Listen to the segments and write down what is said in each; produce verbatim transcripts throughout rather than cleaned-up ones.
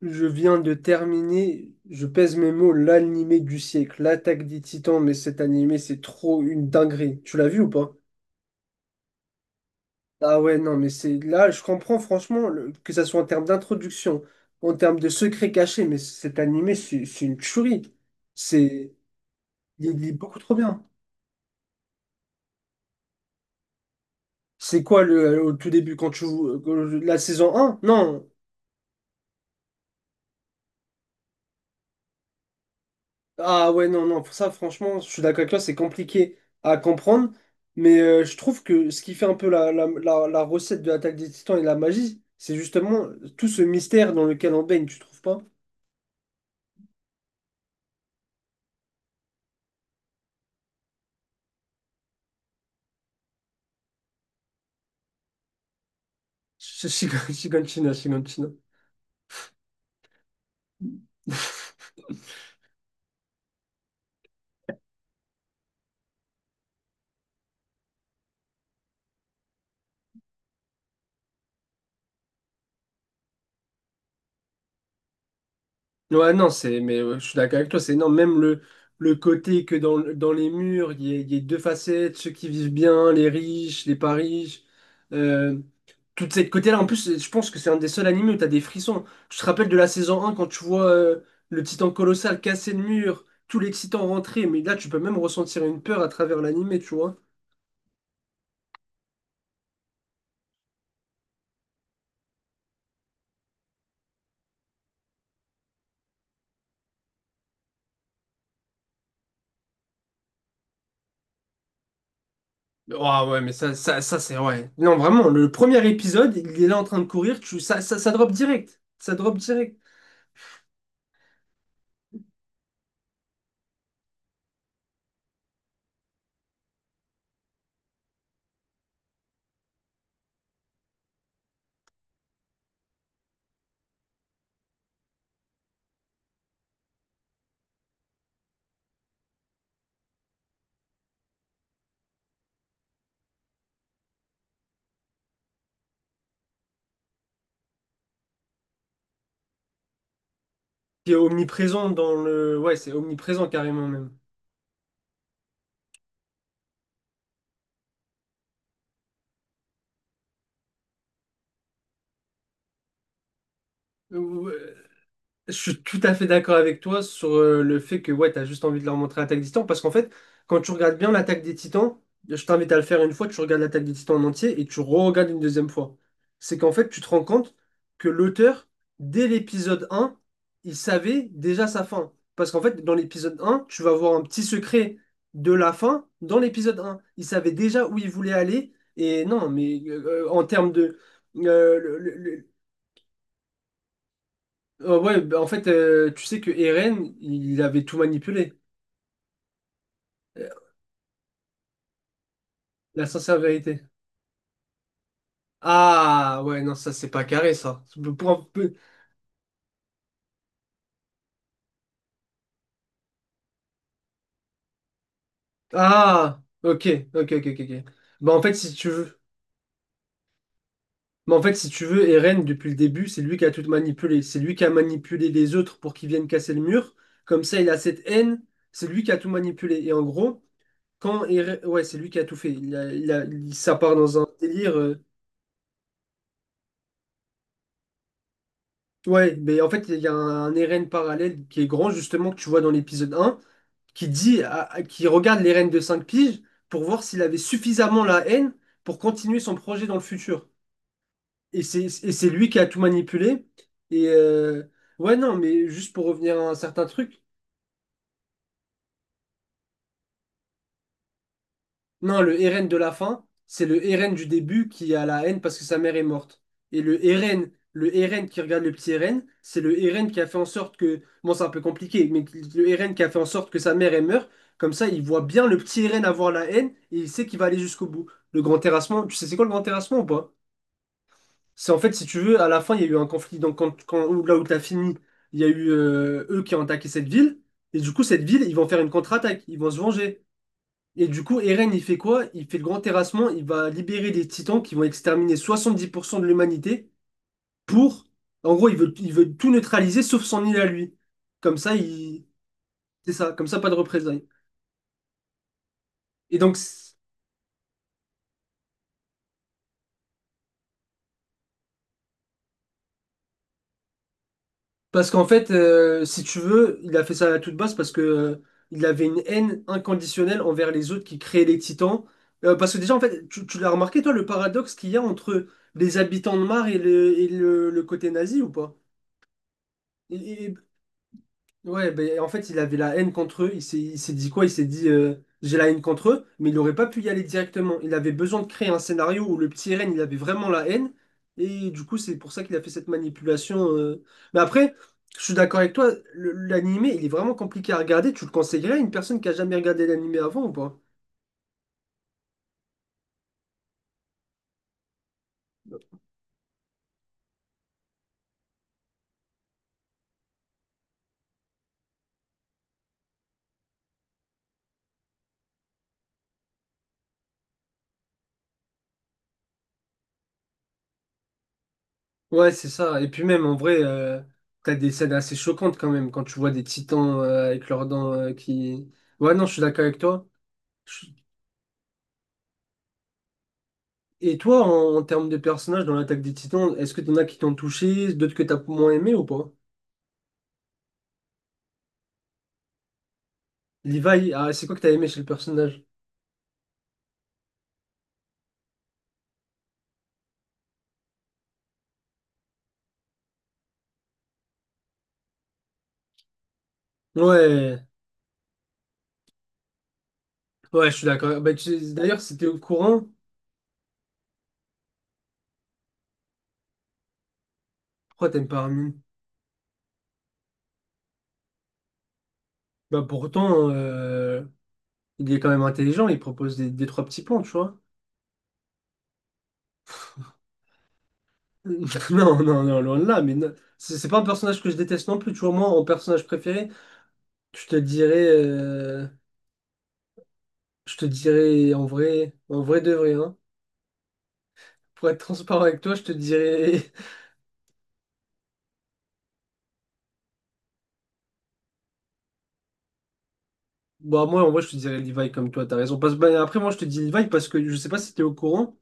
Je viens de terminer, je pèse mes mots, l'animé du siècle, l'attaque des Titans, mais cet animé, c'est trop une dinguerie. Tu l'as vu ou pas? Ah ouais, non, mais c'est là, je comprends franchement le- que ça soit en termes d'introduction, en termes de secrets cachés, mais cet animé, c'est c'est une tuerie. C'est, il est il est beaucoup trop bien. C'est quoi le, au tout début quand tu vois la saison un. Non. Ah ouais, non, non, ça franchement, je suis d'accord avec toi, c'est compliqué à comprendre, mais euh, je trouve que ce qui fait un peu la, la, la, la recette de l'attaque des Titans et la magie, c'est justement tout ce mystère dans lequel on baigne, tu trouves pas? Sh- sh- Shiganshina, Shiganshina. Ouais, non, c'est, mais euh, je suis d'accord avec toi, c'est non, même le, le côté que dans, dans les murs, il y, a il y a deux facettes, ceux qui vivent bien, les riches, les pas riches. euh, Toute cette côté-là. En plus, je pense que c'est un des seuls animés où t'as des frissons. Tu te rappelles de la saison un quand tu vois euh, le titan colossal casser le mur, tous les titans rentrer, mais là, tu peux même ressentir une peur à travers l'animé, tu vois. Ah ouais, mais ça, ça, ça c'est ouais. Non, vraiment, le premier épisode, il est là en train de courir, tu, ça, ça, ça drop direct. Ça drop direct. Qui est omniprésent dans le. Ouais, c'est omniprésent carrément même. Je suis tout à fait d'accord avec toi sur euh, le fait que ouais, t'as juste envie de leur montrer l'attaque des Titans parce qu'en fait, quand tu regardes bien l'attaque des Titans, je t'invite à le faire une fois, tu regardes l'attaque des Titans en entier et tu re-regardes une deuxième fois. C'est qu'en fait, tu te rends compte que l'auteur, dès l'épisode un, il savait déjà sa fin. Parce qu'en fait, dans l'épisode un, tu vas voir un petit secret de la fin dans l'épisode un. Il savait déjà où il voulait aller et non, mais euh, en termes de. euh, le- le- euh, ouais, bah, en fait, euh, tu sais que Eren, il avait tout manipulé. Euh, La sincère vérité. Ah, ouais, non, ça, c'est pas carré, ça. Pour un peu- Ah, ok, ok, ok, ok. Ok. Bah, en fait, si tu veux... Bah, en fait, si tu veux, Eren, depuis le début, c'est lui qui a tout manipulé. C'est lui qui a manipulé les autres pour qu'ils viennent casser le mur. Comme ça, il a cette haine. C'est lui qui a tout manipulé. Et en gros, quand Eren... Ouais, c'est lui qui a tout fait. Il a- il a- il- ça part dans un délire... euh, Ouais, mais en fait, il y a un, un R N parallèle qui est grand, justement, que tu vois dans l'épisode un, qui dit, à- à- qui regarde les reines de cinq piges pour voir s'il avait suffisamment la haine pour continuer son projet dans le futur. Et c'est, et c'est lui qui a tout manipulé. Et euh, ouais, non, mais juste pour revenir à un certain truc, non, le Eren de la fin, c'est le Eren du début qui a la haine parce que sa mère est morte. Et le Eren, le Eren qui regarde le petit Eren, c'est le Eren qui a fait en sorte que... Bon, c'est un peu compliqué, mais le Eren qui a fait en sorte que sa mère elle meurt. Comme ça, il voit bien le petit Eren avoir la haine et il sait qu'il va aller jusqu'au bout. Le grand terrassement, tu sais c'est quoi le grand terrassement ou pas? C'est en fait, si tu veux, à la fin, il y a eu un conflit. Donc, quand, quand, là où t'as fini, il y a eu euh, eux qui ont attaqué cette ville. Et du coup, cette ville, ils vont faire une contre-attaque. Ils vont se venger. Et du coup, Eren, il fait quoi? Il fait le grand terrassement, il va libérer des titans qui vont exterminer soixante-dix pour cent de l'humanité pour... En gros, il veut, il veut tout neutraliser sauf son île à lui. Comme ça, il... C'est ça, comme ça, pas de représailles. Et donc, c'est- parce qu'en fait, euh, si tu veux, il a fait ça à toute base parce que euh, il avait une haine inconditionnelle envers les autres qui créaient les titans. Euh, parce que déjà, en fait, tu, tu l'as remarqué, toi, le paradoxe qu'il y a entre les habitants de Mars et le, et le, le côté nazi ou pas? Ouais, ben, en fait, il avait la haine contre eux. Il s'est il s'est dit quoi? Il s'est dit euh, j'ai la haine contre eux, mais il n'aurait pas pu y aller directement. Il avait besoin de créer un scénario où le petit Ren, il avait vraiment la haine. Et du coup, c'est pour ça qu'il a fait cette manipulation. euh. Mais après, je suis d'accord avec toi, le- l'animé, il est vraiment compliqué à regarder. Tu le conseillerais à une personne qui a jamais regardé l'animé avant ou pas? Ouais, c'est ça. Et puis même, en vrai, euh, t'as des scènes assez choquantes quand même, quand tu vois des titans euh, avec leurs dents euh, qui... Ouais, non, je suis d'accord avec toi. Et toi, en, en termes de personnages dans l'attaque des Titans, est-ce que t'en as qui t'ont touché, d'autres que t'as moins aimé ou pas? Levi, ah, c'est quoi que t'as aimé chez le personnage? Ouais, ouais, je suis d'accord. Bah, tu- d'ailleurs, si t'es au courant, pourquoi t'aimes pas Armin? Bah pourtant, euh, il est quand même intelligent, il propose des, des trois petits plans, tu vois. Non, non, non, loin de là, mais non. C'est c'est pas un personnage que je déteste non plus, tu vois. Moi, en personnage préféré, je te dirais, euh, je te dirais en vrai, en vrai de vrai, hein. Pour être transparent avec toi, je te dirais bah, moi, en vrai, je te dirais Levi comme toi, t'as raison. Parce, bah, après, moi, je te dis Levi parce que je sais pas si t'es au courant,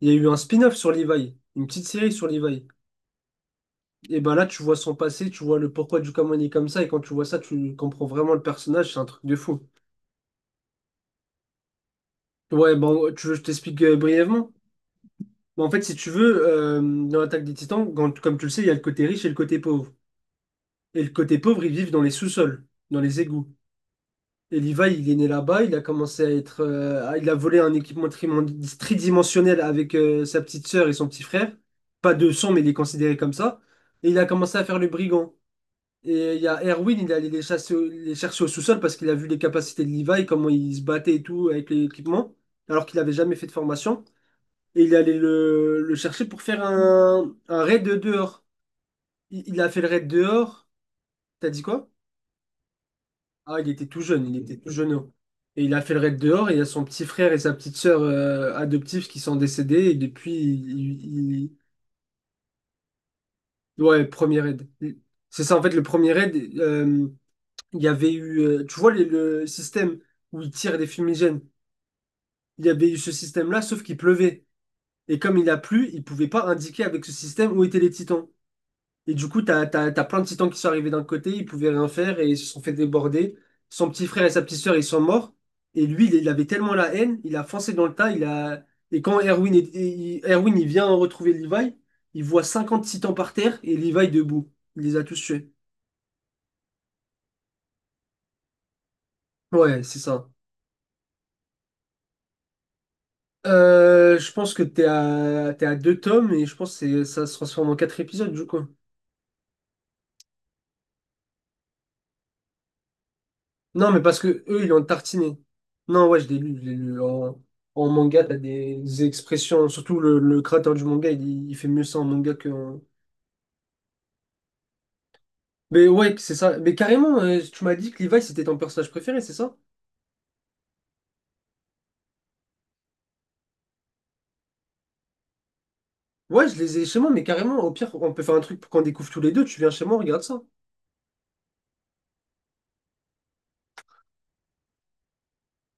il y a eu un spin-off sur Levi, une petite série sur Levi. Et bah là, tu vois son passé, tu vois le pourquoi du comment il est comme ça, et quand tu vois ça, tu comprends vraiment le personnage, c'est un truc de fou. Ouais, bon, tu veux, que je t'explique euh, brièvement. Bah, en fait, si tu veux, euh, dans l'Attaque des Titans, quand- comme tu le sais, il y a le côté riche et le côté pauvre. Et le côté pauvre, ils vivent dans les sous-sols, dans les égouts. Et Levi, il est né là-bas, il a commencé à être. Euh, à- il a volé un équipement trimon- tridimensionnel avec euh, sa petite sœur et son petit frère. Pas de sang, mais il est considéré comme ça. Et il a commencé à faire le brigand. Et il y a Erwin, il est allé les chasser au- les chercher au sous-sol parce qu'il a vu les capacités de Levi, comment il se battait et tout avec l'équipement, alors qu'il n'avait jamais fait de formation. Et il est allé le, le chercher pour faire un, un, raid dehors. Il, il a fait le raid dehors. T'as dit quoi? Ah, il était tout jeune, il était tout jeune. Et il a fait le raid dehors, et il y a son petit frère et sa petite sœur euh, adoptifs qui sont décédés, et depuis, il, il- ouais, premier raid. C'est ça, en fait, le premier raid, euh, il y avait eu, euh, tu vois, les- le système où il tire des fumigènes, il y avait eu ce système-là, sauf qu'il pleuvait. Et comme il a plu, il pouvait pas indiquer avec ce système où étaient les titans. Et du coup, t'as, t'as, t'as plein de titans qui sont arrivés d'un côté, ils pouvaient rien faire et ils se sont fait déborder. Son petit frère et sa petite sœur, ils sont morts. Et lui, il il avait tellement la haine, il a foncé dans le tas. Il a... Et quand Erwin, est- et- il- Erwin il vient retrouver Levi, il voit cinquante titans par terre et Levi debout. Il les a tous tués. Ouais, c'est ça. Euh, je pense que t'es à, t'es à deux tomes et je pense que c'est- ça se transforme en quatre épisodes, du coup. Non, mais parce que eux, ils ont tartiné. Non, ouais, je l'ai lu, je l'ai lu. En, en manga, t'as des expressions. Surtout le, le créateur du manga, il, il fait mieux ça en manga que. en- Mais ouais, c'est ça. Mais carrément, euh, tu m'as dit que Levi, c'était ton personnage préféré, c'est ça? Ouais, je les ai chez moi, mais carrément, au pire, on peut faire un truc pour qu'on découvre tous les deux. Tu viens chez moi, on regarde ça.